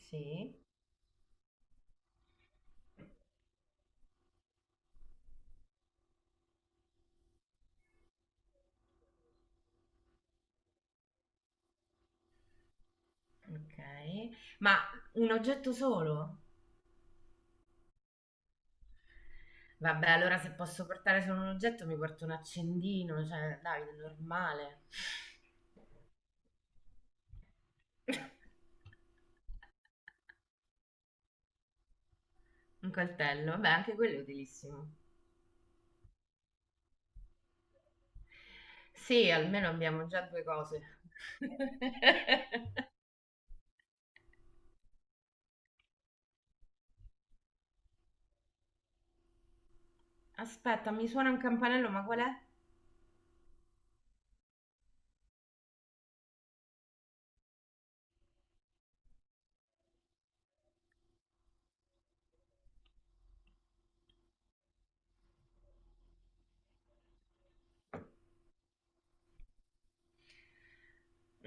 Sì, ok. Ma un oggetto solo? Vabbè, allora se posso portare solo un oggetto mi porto un accendino, cioè, Davide, normale. Un coltello, vabbè, anche quello è utilissimo. Sì, almeno abbiamo già due cose. Aspetta, mi suona un campanello, ma qual è?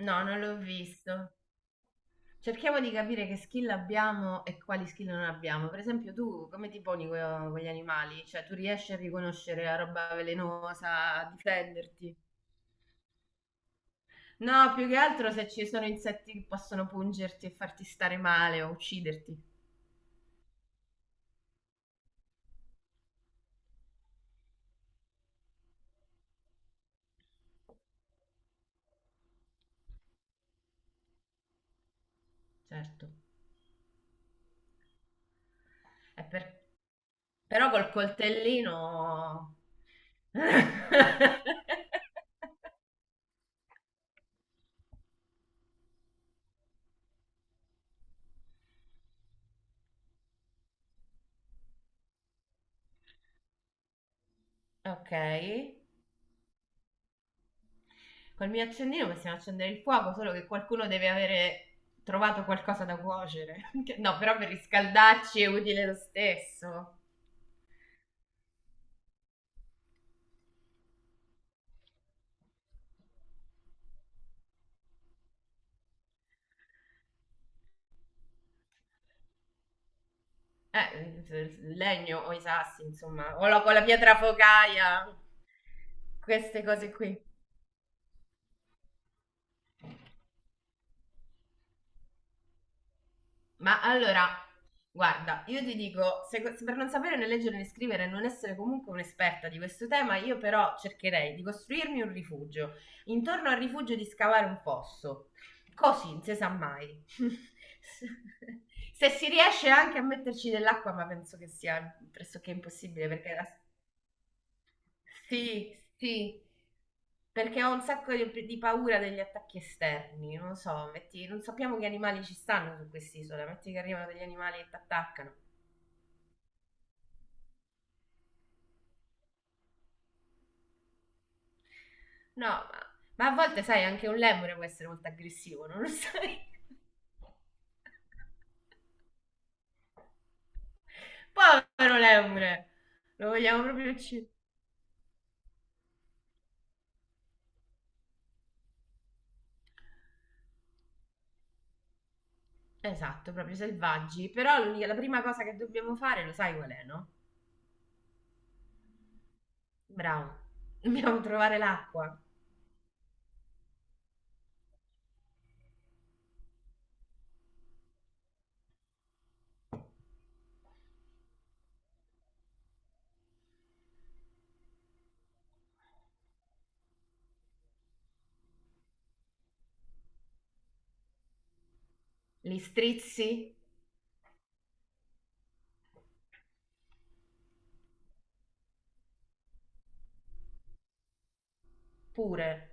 No, non l'ho visto. Cerchiamo di capire che skill abbiamo e quali skill non abbiamo. Per esempio, tu come ti poni con gli animali? Cioè, tu riesci a riconoscere la roba velenosa, a difenderti? No, più che altro se ci sono insetti che possono pungerti e farti stare male o ucciderti. Certo. È per- Però col coltellino. Ok. Col mio accendino possiamo accendere il fuoco, solo che qualcuno deve avere trovato qualcosa da cuocere. No, però per riscaldarci è utile lo stesso. Il legno o i sassi, insomma, o la pietra focaia, queste cose qui. Ma allora, guarda, io ti dico, se per non sapere né leggere né scrivere e non essere comunque un'esperta di questo tema, io però cercherei di costruirmi un rifugio. Intorno al rifugio di scavare un fosso. Così, non si sa mai. Se si riesce anche a metterci dell'acqua, ma penso che sia pressoché impossibile perché la. Sì, sì, perché ho un sacco di paura degli attacchi esterni, non lo so, non sappiamo che animali ci stanno su quest'isola, metti che arrivano degli animali e ti attaccano. No, ma a volte sai, anche un lemure può essere molto aggressivo, non lo sai? Povero lemure! Lo vogliamo proprio uccidere. Esatto, proprio selvaggi. Però la prima cosa che dobbiamo fare, lo sai qual è, no? Bravo. Dobbiamo trovare l'acqua. Li strizzi pure.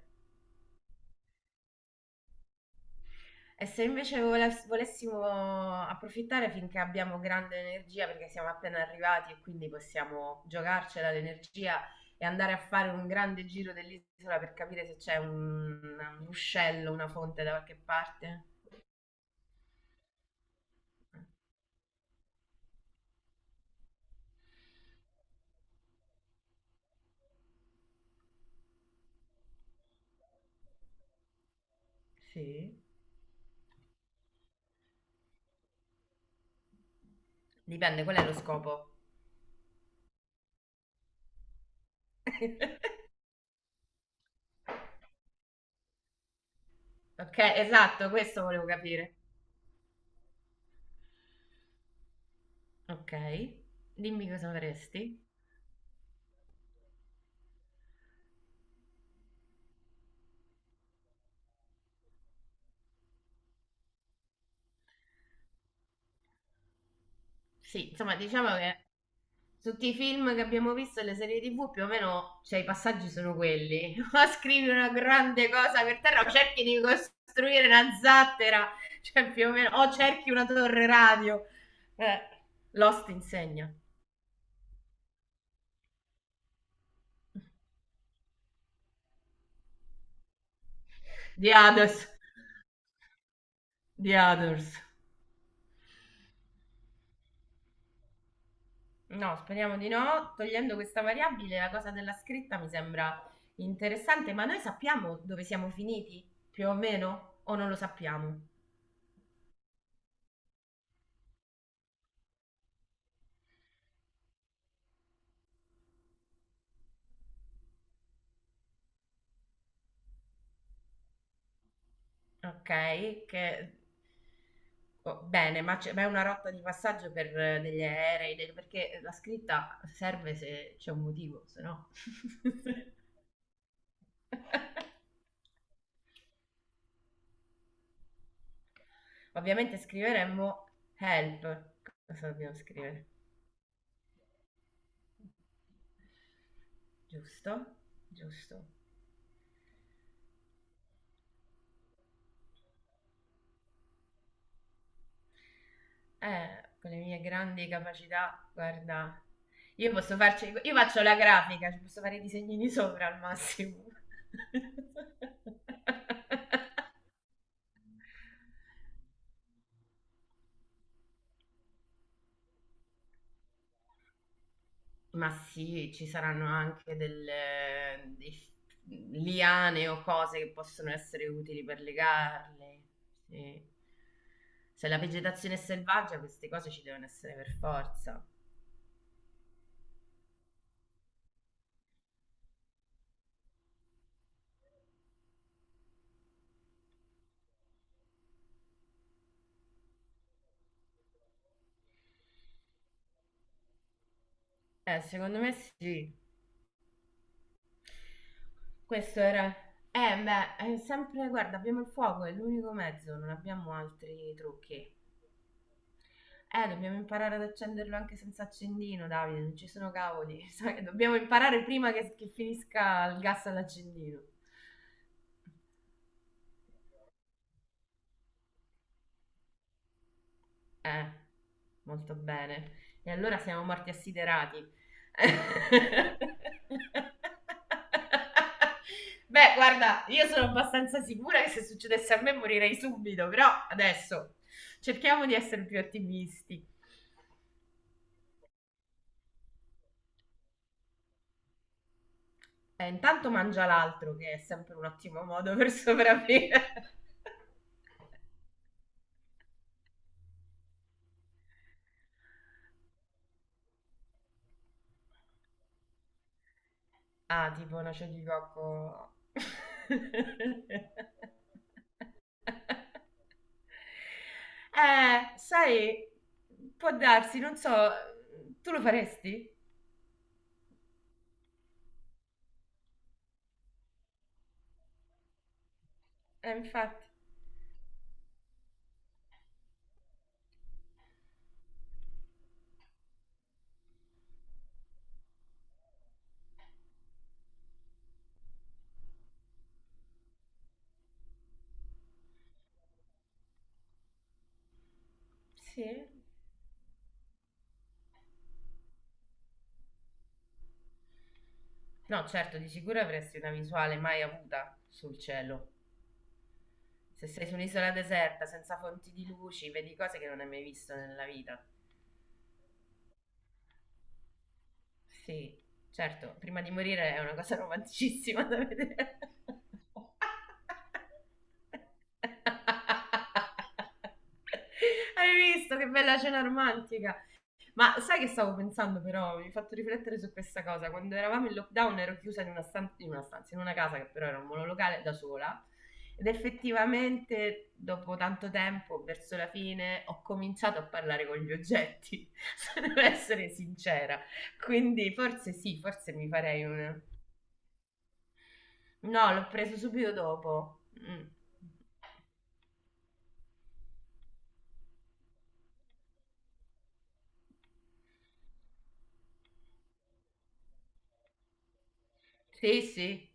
E se invece volessimo approfittare finché abbiamo grande energia, perché siamo appena arrivati e quindi possiamo giocarcela l'energia e andare a fare un grande giro dell'isola per capire se c'è un ruscello, una fonte da qualche parte? Sì. Dipende, qual è lo scopo? Ok, esatto, questo volevo capire. Ok, dimmi cosa faresti. Sì, insomma, diciamo che tutti i film che abbiamo visto e le serie TV, più o meno, cioè, i passaggi sono quelli. O scrivi una grande cosa per terra, o cerchi di costruire una zattera, cioè più o meno, o cerchi una torre radio, eh, Lost insegna. The Others. The Others. No, speriamo di no. Togliendo questa variabile, la cosa della scritta mi sembra interessante, ma noi sappiamo dove siamo finiti più o meno, o non lo sappiamo? Ok. che Oh, bene, ma è una rotta di passaggio per degli aerei, perché la scritta serve se c'è un motivo, se no. Ovviamente scriveremmo help. Cosa dobbiamo scrivere? Giusto? Giusto. Con le mie grandi capacità, guarda, io faccio la grafica, ci posso fare i disegnini sopra al massimo. Ma sì, ci saranno anche delle dei f liane o cose che possono essere utili per legarle. Sì. Se la vegetazione è selvaggia, queste cose ci devono essere per forza. Secondo me sì. Questo era. Beh, è sempre. Guarda, abbiamo il fuoco, è l'unico mezzo, non abbiamo altri trucchi. Dobbiamo imparare ad accenderlo anche senza accendino, Davide, non ci sono cavoli. Sai, dobbiamo imparare prima che finisca il gas all'accendino. Eh, molto bene. E allora siamo morti assiderati. Beh, guarda, io sono abbastanza sicura che se succedesse a me morirei subito, però adesso cerchiamo di essere più ottimisti. Intanto mangia l'altro, che è sempre un ottimo modo per sopravvivere. Ah, tipo noce di cocco. Eh, sai, può darsi, non so, tu lo faresti? Infatti, sì. No, certo, di sicuro avresti una visuale mai avuta sul cielo. Se sei su un'isola deserta, senza fonti di luci, vedi cose che non hai mai visto nella vita. Sì, certo, prima di morire è una cosa romanticissima da vedere. Hai visto che bella cena romantica? Ma sai che stavo pensando però, mi hai fatto riflettere su questa cosa, quando eravamo in lockdown ero chiusa in una stanza, in una casa che però era un monolocale da sola ed effettivamente dopo tanto tempo, verso la fine, ho cominciato a parlare con gli oggetti, se devo essere sincera, quindi forse sì, forse mi farei una. No, l'ho preso subito dopo. Mm. Sì, sì.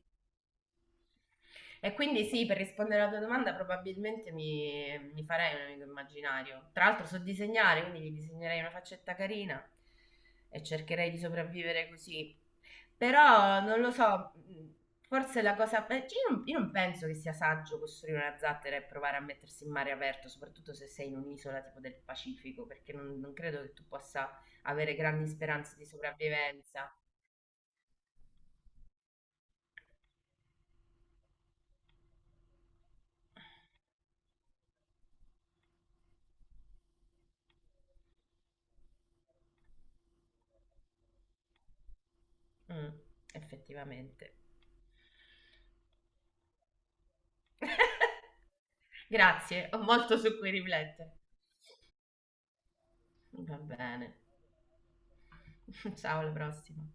E quindi sì, per rispondere alla tua domanda probabilmente mi farei un amico immaginario. Tra l'altro so disegnare, quindi gli disegnerei una faccetta carina e cercherei di sopravvivere così. Però non lo so, forse la cosa, beh, cioè io non penso che sia saggio costruire una zattera e provare a mettersi in mare aperto, soprattutto se sei in un'isola tipo del Pacifico, perché non credo che tu possa avere grandi speranze di sopravvivenza. Mm, Effettivamente. Grazie, ho molto su cui riflettere. Va bene. Ciao, alla prossima.